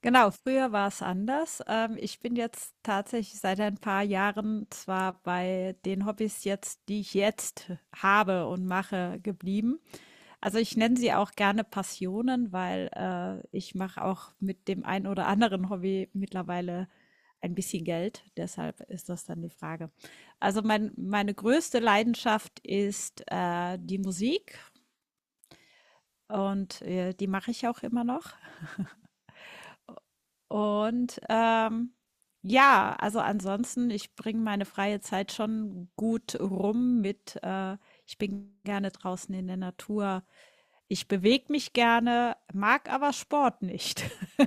Genau, früher war es anders. Ich bin jetzt tatsächlich seit ein paar Jahren zwar bei den Hobbys jetzt, die ich jetzt habe und mache, geblieben. Also ich nenne sie auch gerne Passionen, weil ich mache auch mit dem ein oder anderen Hobby mittlerweile ein bisschen Geld. Deshalb ist das dann die Frage. Also meine größte Leidenschaft ist die Musik und die mache ich auch immer noch. Und, ähm, ja, also ansonsten, ich bringe meine freie Zeit schon gut rum mit, ich bin gerne draußen in der Natur. Ich bewege mich gerne, mag aber Sport nicht.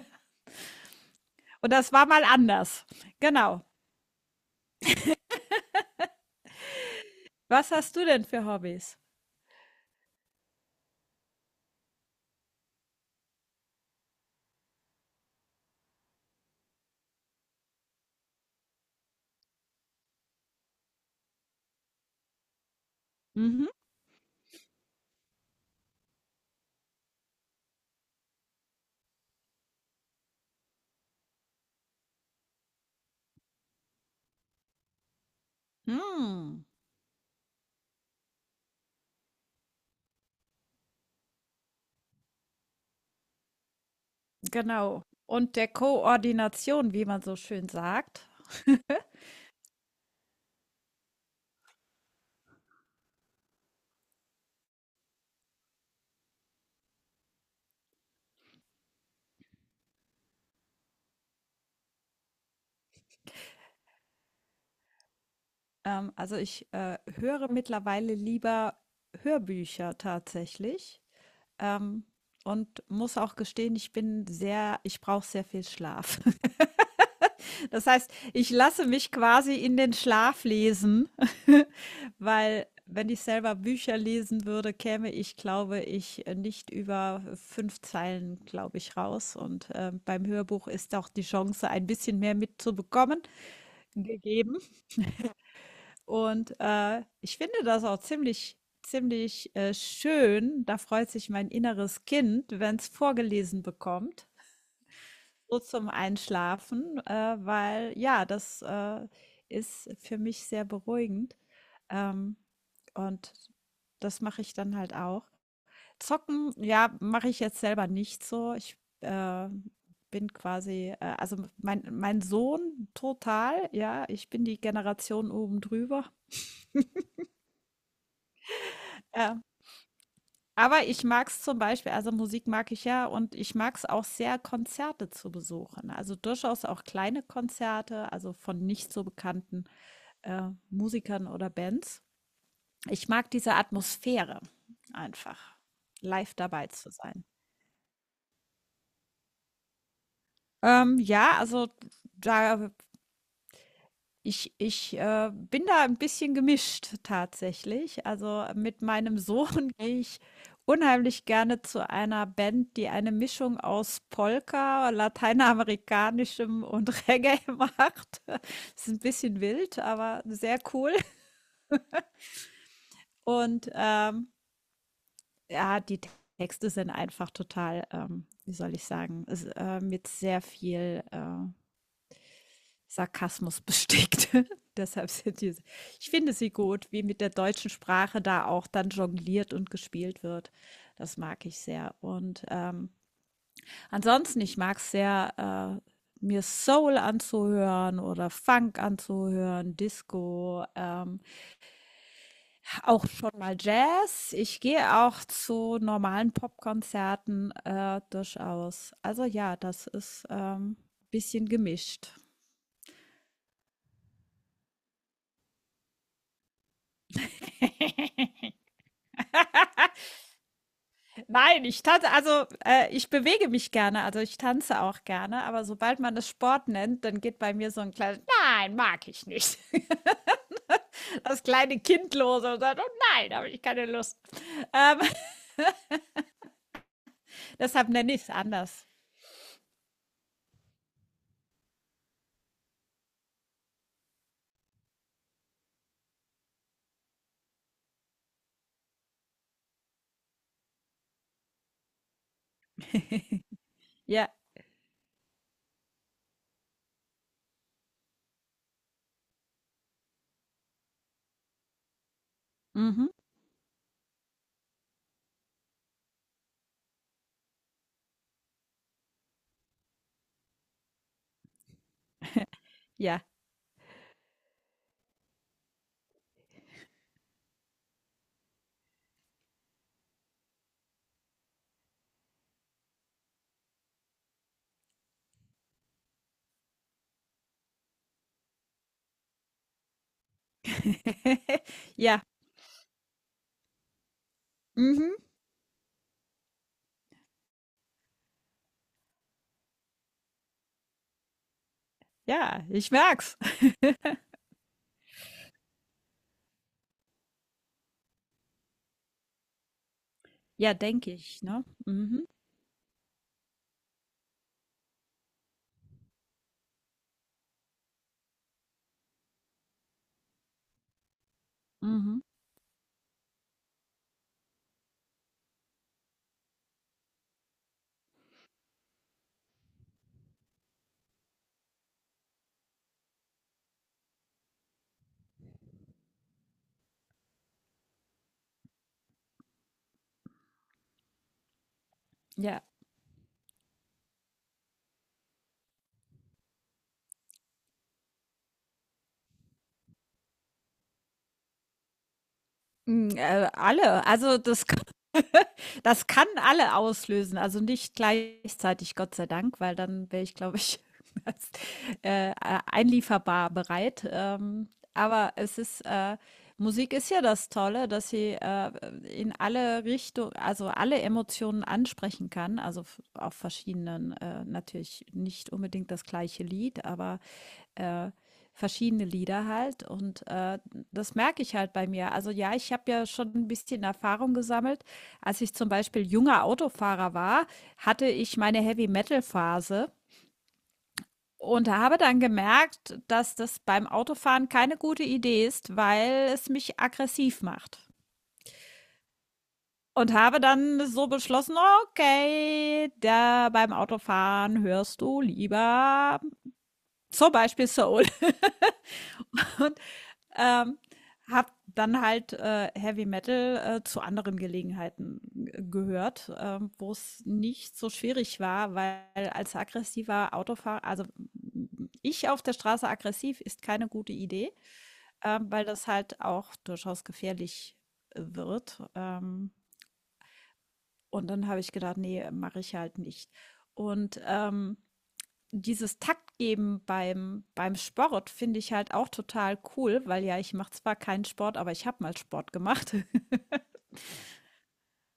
Und das war mal anders. Genau. Was hast du denn für Hobbys? Mhm. Hm, genau. Und der Koordination, wie man so schön sagt. Also höre mittlerweile lieber Hörbücher tatsächlich. ähm, und muss auch gestehen, ich brauche sehr viel Schlaf. Das heißt, ich lasse mich quasi in den Schlaf lesen. Weil wenn ich selber Bücher lesen würde, käme ich, glaube ich, nicht über 5 Zeilen, glaube ich, raus. Und beim Hörbuch ist auch die Chance, ein bisschen mehr mitzubekommen, gegeben. Und ich finde das auch ziemlich schön. Da freut sich mein inneres Kind, wenn es vorgelesen bekommt, so zum Einschlafen, weil ja, das ist für mich sehr beruhigend. Ähm, und das mache ich dann halt auch. Zocken, ja, mache ich jetzt selber nicht so. Ich bin quasi, also mein Sohn total, ja, ich bin die Generation oben drüber. Ähm, Aber ich mag's zum Beispiel, also, Musik mag ich ja und ich mag's auch sehr, Konzerte zu besuchen. Also, durchaus auch kleine Konzerte, also, von nicht so bekannten Musikern oder Bands. Ich mag diese Atmosphäre einfach, live dabei zu sein. Ja, also, da ich bin da ein bisschen gemischt tatsächlich. Also, mit meinem Sohn gehe ich unheimlich gerne zu einer Band, die eine Mischung aus Polka, Lateinamerikanischem und Reggae macht. Ist ein bisschen wild, aber sehr cool. Und ja, die Texte sind einfach total, wie soll ich sagen, s mit sehr viel Sarkasmus bestickt. Deshalb sind diese. Ich finde sie gut, wie mit der deutschen Sprache da auch dann jongliert und gespielt wird. Das mag ich sehr. Und ansonsten, ich mag es sehr, mir Soul anzuhören oder Funk anzuhören, Disco, auch schon mal Jazz. Ich gehe auch zu normalen Popkonzerten durchaus. Also ja, das ist ein bisschen gemischt. Nein, ich tanze, also ich bewege mich gerne, also ich tanze auch gerne, aber sobald man es Sport nennt, dann geht bei mir so ein kleines Nein, mag ich nicht. Das kleine Kind los und sagt, oh nein, habe ich keine Lust. Ähm, Deshalb nenne ich es anders. Ja, mhm, ja. Ja, mhm, ja, ich merk's. Ja, denke ich, ne? Mhm, mhm, ja. Mm. Alle, also das kann alle auslösen, also nicht gleichzeitig, Gott sei Dank, weil dann wäre ich, glaube ich, als, äh, einlieferbar bereit. Aber es ist, Musik ist ja das Tolle, dass sie in alle Richtungen, also alle Emotionen ansprechen kann, also auf verschiedenen, natürlich nicht unbedingt das gleiche Lied, aber äh, verschiedene Lieder halt. Und das merke ich halt bei mir. Also ja, ich habe ja schon ein bisschen Erfahrung gesammelt. Als ich zum Beispiel junger Autofahrer war, hatte ich meine Heavy-Metal-Phase und habe dann gemerkt, dass das beim Autofahren keine gute Idee ist, weil es mich aggressiv macht. Und habe dann so beschlossen, okay, da beim Autofahren hörst du lieber zum Beispiel Soul. Und Ähm, Hab dann halt Heavy Metal zu anderen Gelegenheiten gehört, wo es nicht so schwierig war, weil als aggressiver Autofahrer, also ich auf der Straße aggressiv ist keine gute Idee, weil das halt auch durchaus gefährlich wird. Und dann habe ich gedacht, nee, mache ich halt nicht. Und dieses Taktgeben beim Sport finde ich halt auch total cool, weil ja, ich mache zwar keinen Sport, aber ich habe mal Sport gemacht.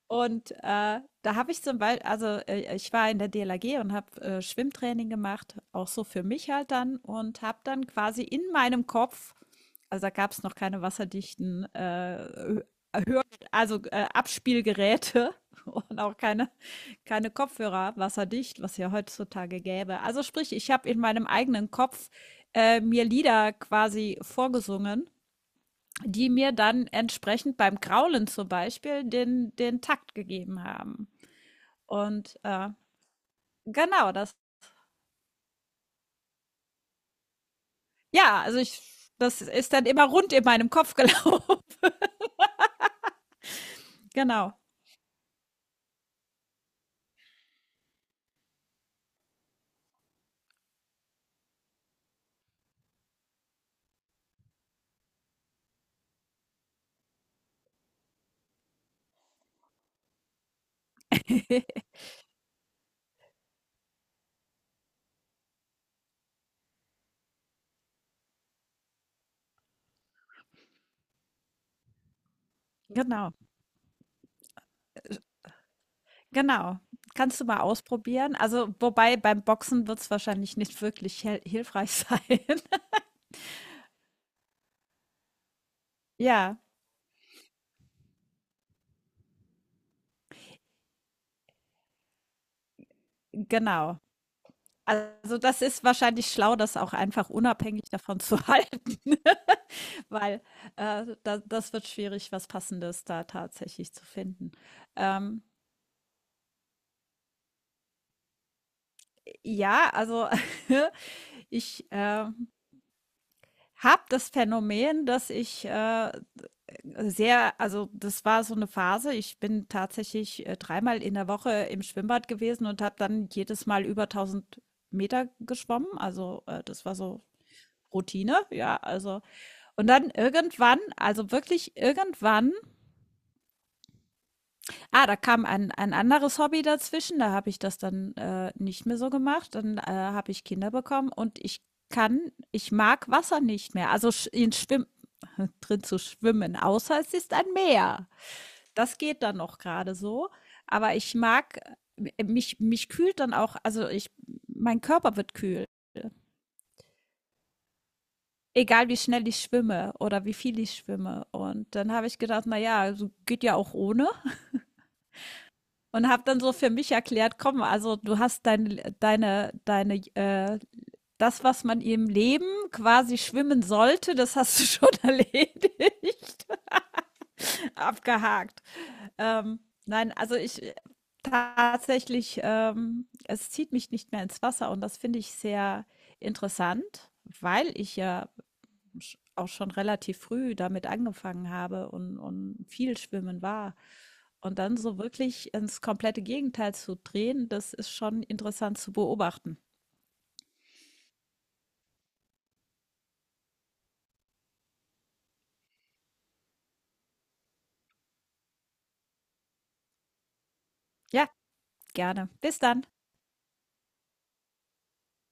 Und, da habe ich zum Bei also, ich war in der DLRG und habe, Schwimmtraining gemacht, auch so für mich halt dann und habe dann quasi in meinem Kopf, also, da gab es noch keine wasserdichten, Abspielgeräte und auch keine, keine Kopfhörer, wasserdicht, was ja heutzutage gäbe. Also sprich, ich habe in meinem eigenen Kopf mir Lieder quasi vorgesungen, die mir dann entsprechend beim Graulen zum Beispiel den Takt gegeben haben. Und genau, das, ja, das ist dann immer rund in meinem Kopf gelaufen. Genau. Genau, Genau, kannst du mal ausprobieren. Also, wobei beim Boxen wird es wahrscheinlich nicht wirklich hel hilfreich sein. Ja, genau. Also, das ist wahrscheinlich schlau, das auch einfach unabhängig davon zu halten, ne? Weil, da das wird schwierig, was Passendes da tatsächlich zu finden. Ähm, ja, also ich habe das Phänomen, dass ich sehr, also, das war so eine Phase. Ich bin tatsächlich, dreimal in der Woche im Schwimmbad gewesen und habe dann jedes Mal über 1.000 Meter geschwommen. Also, das war so Routine, ja, also und dann irgendwann, also wirklich irgendwann, ah, da kam ein anderes Hobby dazwischen, da habe ich das dann, nicht mehr so gemacht. Dann, habe ich Kinder bekommen und kann ich mag Wasser nicht mehr, also sch in Schwimm drin zu schwimmen, außer es ist ein Meer. Das geht dann noch gerade so, aber ich mag mich kühlt dann auch, also, ich mein Körper wird kühl, egal wie schnell ich schwimme oder wie viel ich schwimme. Und dann habe ich gedacht: „Na ja, also, geht ja auch ohne“, und habe dann so für mich erklärt: „Komm, also, du hast deine, das, was man im Leben quasi schwimmen sollte, das hast du schon erledigt.“ Abgehakt. Ähm, nein, also ich tatsächlich, es zieht mich nicht mehr ins Wasser und das finde ich sehr interessant, weil ich auch schon relativ früh damit angefangen habe und viel schwimmen war. Und dann so wirklich ins komplette Gegenteil zu drehen, das ist schon interessant zu beobachten. Ja, gerne. Bis dann.